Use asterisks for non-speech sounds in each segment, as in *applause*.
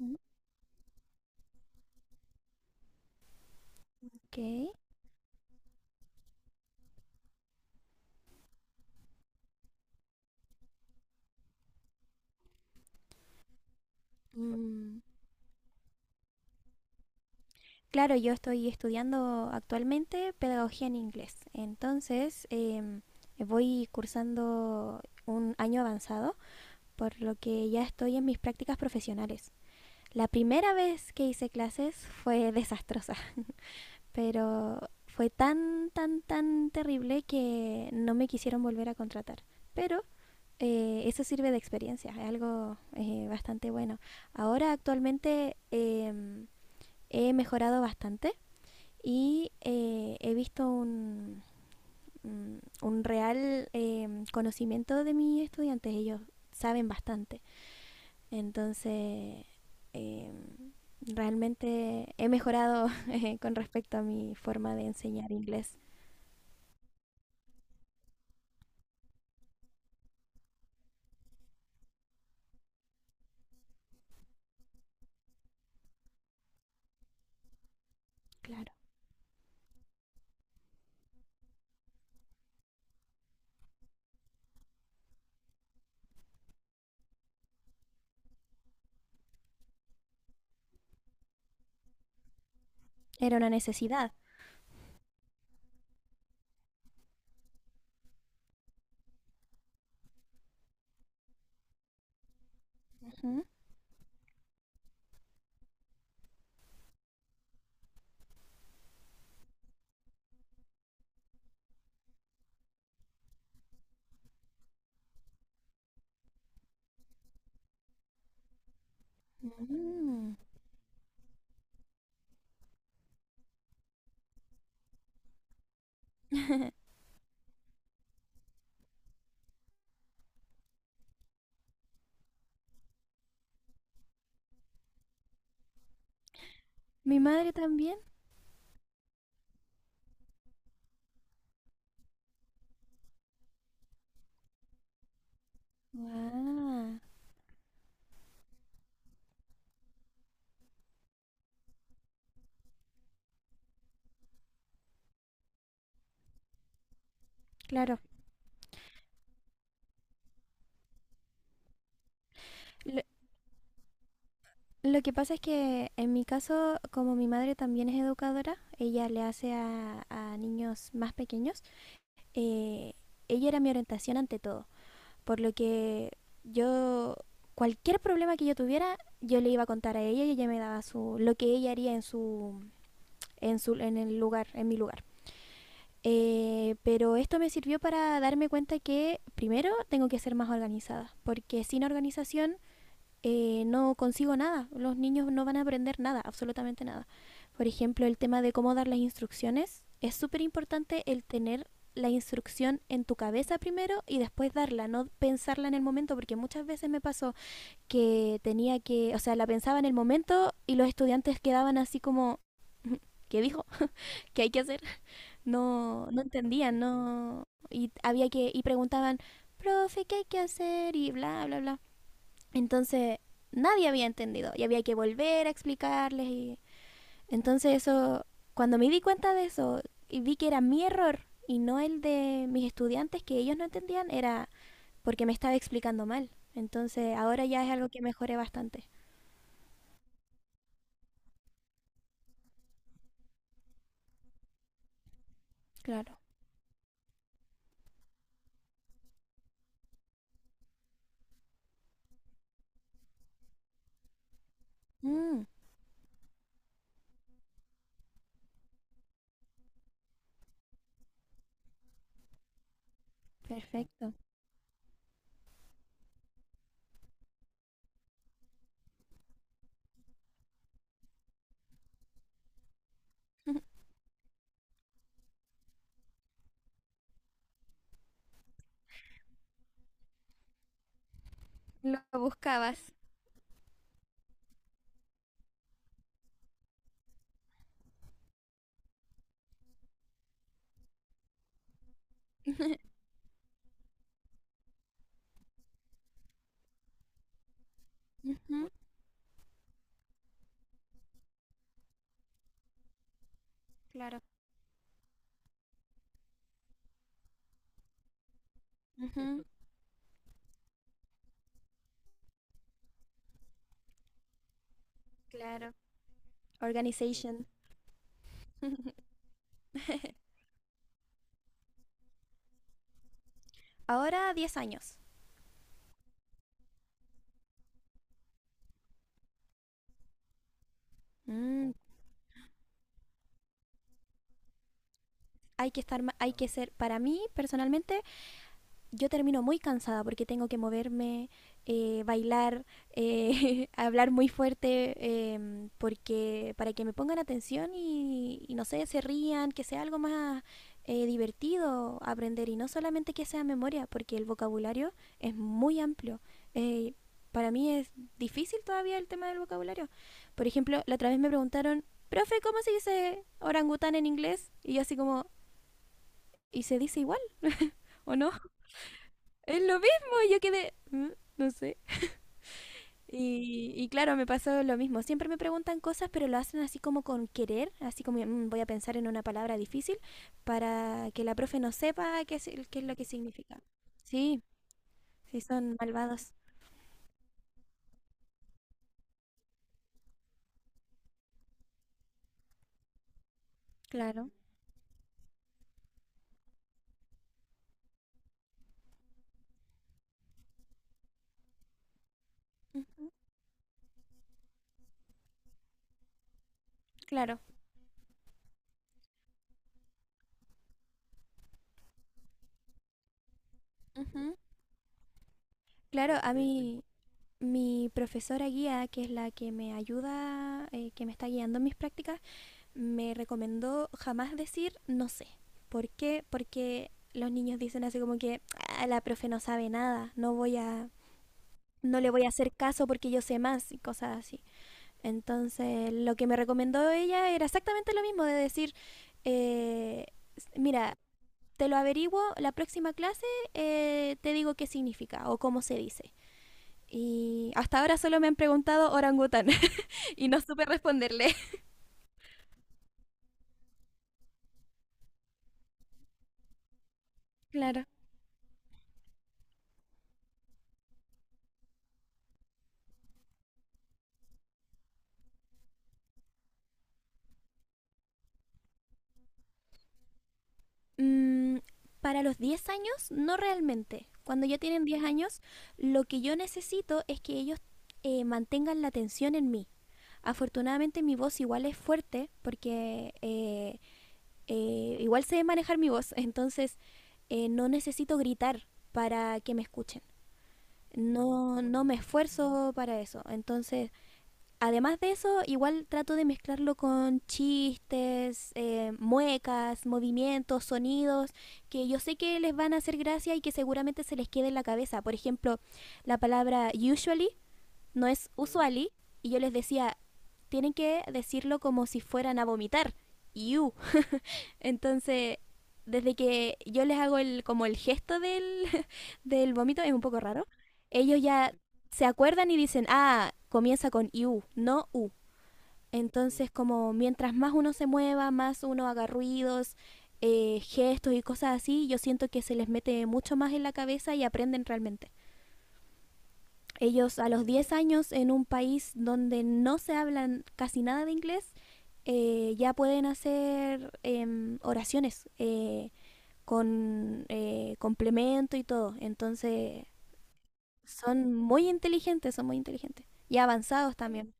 Ujú. Ok. Mm. Claro, yo estoy estudiando actualmente pedagogía en inglés. Entonces, voy cursando un año avanzado, por lo que ya estoy en mis prácticas profesionales. La primera vez que hice clases fue desastrosa, *laughs* pero fue tan, tan, tan terrible que no me quisieron volver a contratar. Pero eso sirve de experiencia, es algo bastante bueno. Ahora actualmente, he mejorado bastante y he visto un real conocimiento de mis estudiantes. Ellos saben bastante. Entonces, eh, realmente he mejorado *laughs* con respecto a mi forma de enseñar inglés. Claro. Era una necesidad. Ujú. Mm. Mi madre también. Guau. Claro. Lo- Lo que pasa es que en mi caso, como mi madre también es educadora, ella le hace a niños más pequeños. Eh, ella era mi orientación ante todo, por lo que yo, cualquier problema que yo tuviera, yo le iba a contar a ella, y ella me daba lo que ella haría en en el lugar, en mi lugar. Pero esto me sirvió para darme cuenta que primero tengo que ser más organizada, porque sin organización no consigo nada. Los niños no van a aprender nada, absolutamente nada. Por ejemplo, el tema de cómo dar las instrucciones. Es súper importante el tener la instrucción en tu cabeza primero y después darla, no pensarla en el momento, porque muchas veces me pasó o sea, la pensaba en el momento y los estudiantes quedaban así como, *laughs* ¿qué dijo? ¿Qué hay que hacer? No, no entendían, no, y preguntaban, profe, ¿qué hay que hacer? Y bla, bla, bla. Entonces nadie había entendido y había que volver a explicarles, y entonces eso, cuando me di cuenta de eso y vi que era mi error y no el de mis estudiantes, que ellos no entendían, era porque me estaba explicando mal. Entonces ahora ya es algo que mejoré bastante. Claro. Mm, perfecto. *laughs* Lo buscabas. Ujú. Claro. Ujú. Claro. Organization. Ahora 10 años. Mm, Hay que estar, hay que ser, para mí personalmente, yo termino muy cansada porque tengo que moverme, bailar, *laughs* hablar muy fuerte, porque para que me pongan atención y no sé, se rían, que sea algo más divertido aprender y no solamente que sea memoria, porque el vocabulario es muy amplio. Eh, para mí es difícil todavía el tema del vocabulario. Por ejemplo, la otra vez me preguntaron, profe, ¿cómo se dice orangután en inglés? Y yo así como, ¿y se dice igual o no? Es lo mismo, yo quedé, "Mm, no sé". Y claro, me pasó lo mismo. Siempre me preguntan cosas, pero lo hacen así como con querer, así como, "Mm, voy a pensar en una palabra difícil para que la profe no sepa qué es, qué es lo que significa". Sí, sí, son malvados. Claro. Ujú. Claro. Ujú. Claro, a mí, mi profesora guía, que es la que me ayuda, que me está guiando en mis prácticas, me recomendó jamás decir no sé. ¿Por qué? Porque los niños dicen así como que, "Ah, la profe no sabe nada, no le voy a hacer caso porque yo sé más" y cosas así. Entonces, lo que me recomendó ella era exactamente lo mismo de decir, eh, mira, te lo averiguo la próxima clase, te digo qué significa o cómo se dice. Y hasta ahora solo me han preguntado orangután *laughs* y no supe responderle. Claro. Mm, para los 10 años, no realmente. Cuando ya tienen 10 años, lo que yo necesito es que ellos mantengan la atención en mí. Afortunadamente mi voz igual es fuerte, porque igual sé manejar mi voz, *laughs* entonces no necesito gritar para que me escuchen. No, no me esfuerzo para eso. Además de eso, igual trato de mezclarlo con chistes, muecas, movimientos, sonidos, que yo sé que les van a hacer gracia y que seguramente se les quede en la cabeza. Por ejemplo, la palabra usually no es usually, y yo les decía, tienen que decirlo como si fueran a vomitar. You. Entonces, desde que yo les hago el, como el gesto del, *laughs* del vómito, es un poco raro, ellos ya se acuerdan y dicen, ah, comienza con you, no u. Entonces, como mientras más uno se mueva, más uno haga ruidos, gestos y cosas así, yo siento que se les mete mucho más en la cabeza y aprenden realmente. Ellos a los 10 años, en un país donde no se hablan casi nada de inglés, ya pueden hacer oraciones con complemento y todo. Entonces son muy inteligentes, son muy inteligentes. Y avanzados también.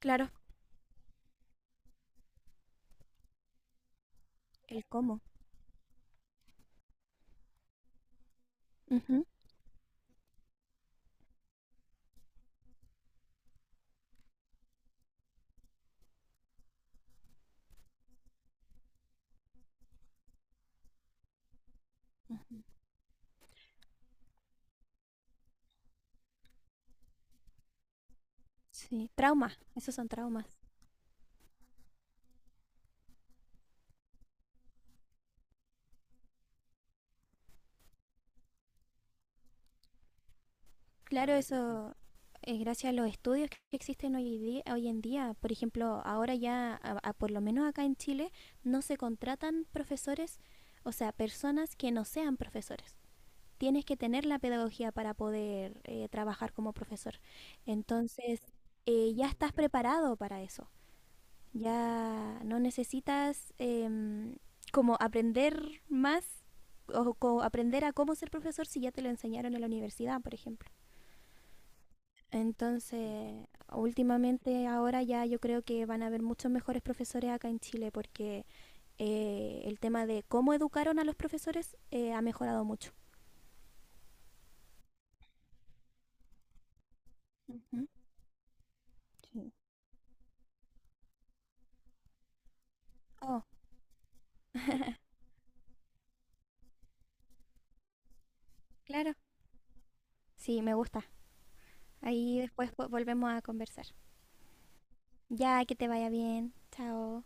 Claro, el cómo. Ujú. Sí, traumas, esos son traumas. Claro, eso es gracias a los estudios que existen hoy, hoy en día. Por ejemplo, ahora ya, por lo menos acá en Chile, no se contratan profesores, o sea, personas que no sean profesores. Tienes que tener la pedagogía para poder trabajar como profesor. Entonces, ya estás preparado para eso. Ya no necesitas como aprender más, o aprender a cómo ser profesor si ya te lo enseñaron en la universidad, por ejemplo. Entonces, últimamente ahora ya yo creo que van a haber muchos mejores profesores acá en Chile, porque el tema de cómo educaron a los profesores ha mejorado mucho. Ujú. Sí. Oh, claro. Sí, me gusta. Ahí después volvemos a conversar. Ya, que te vaya bien. Chao.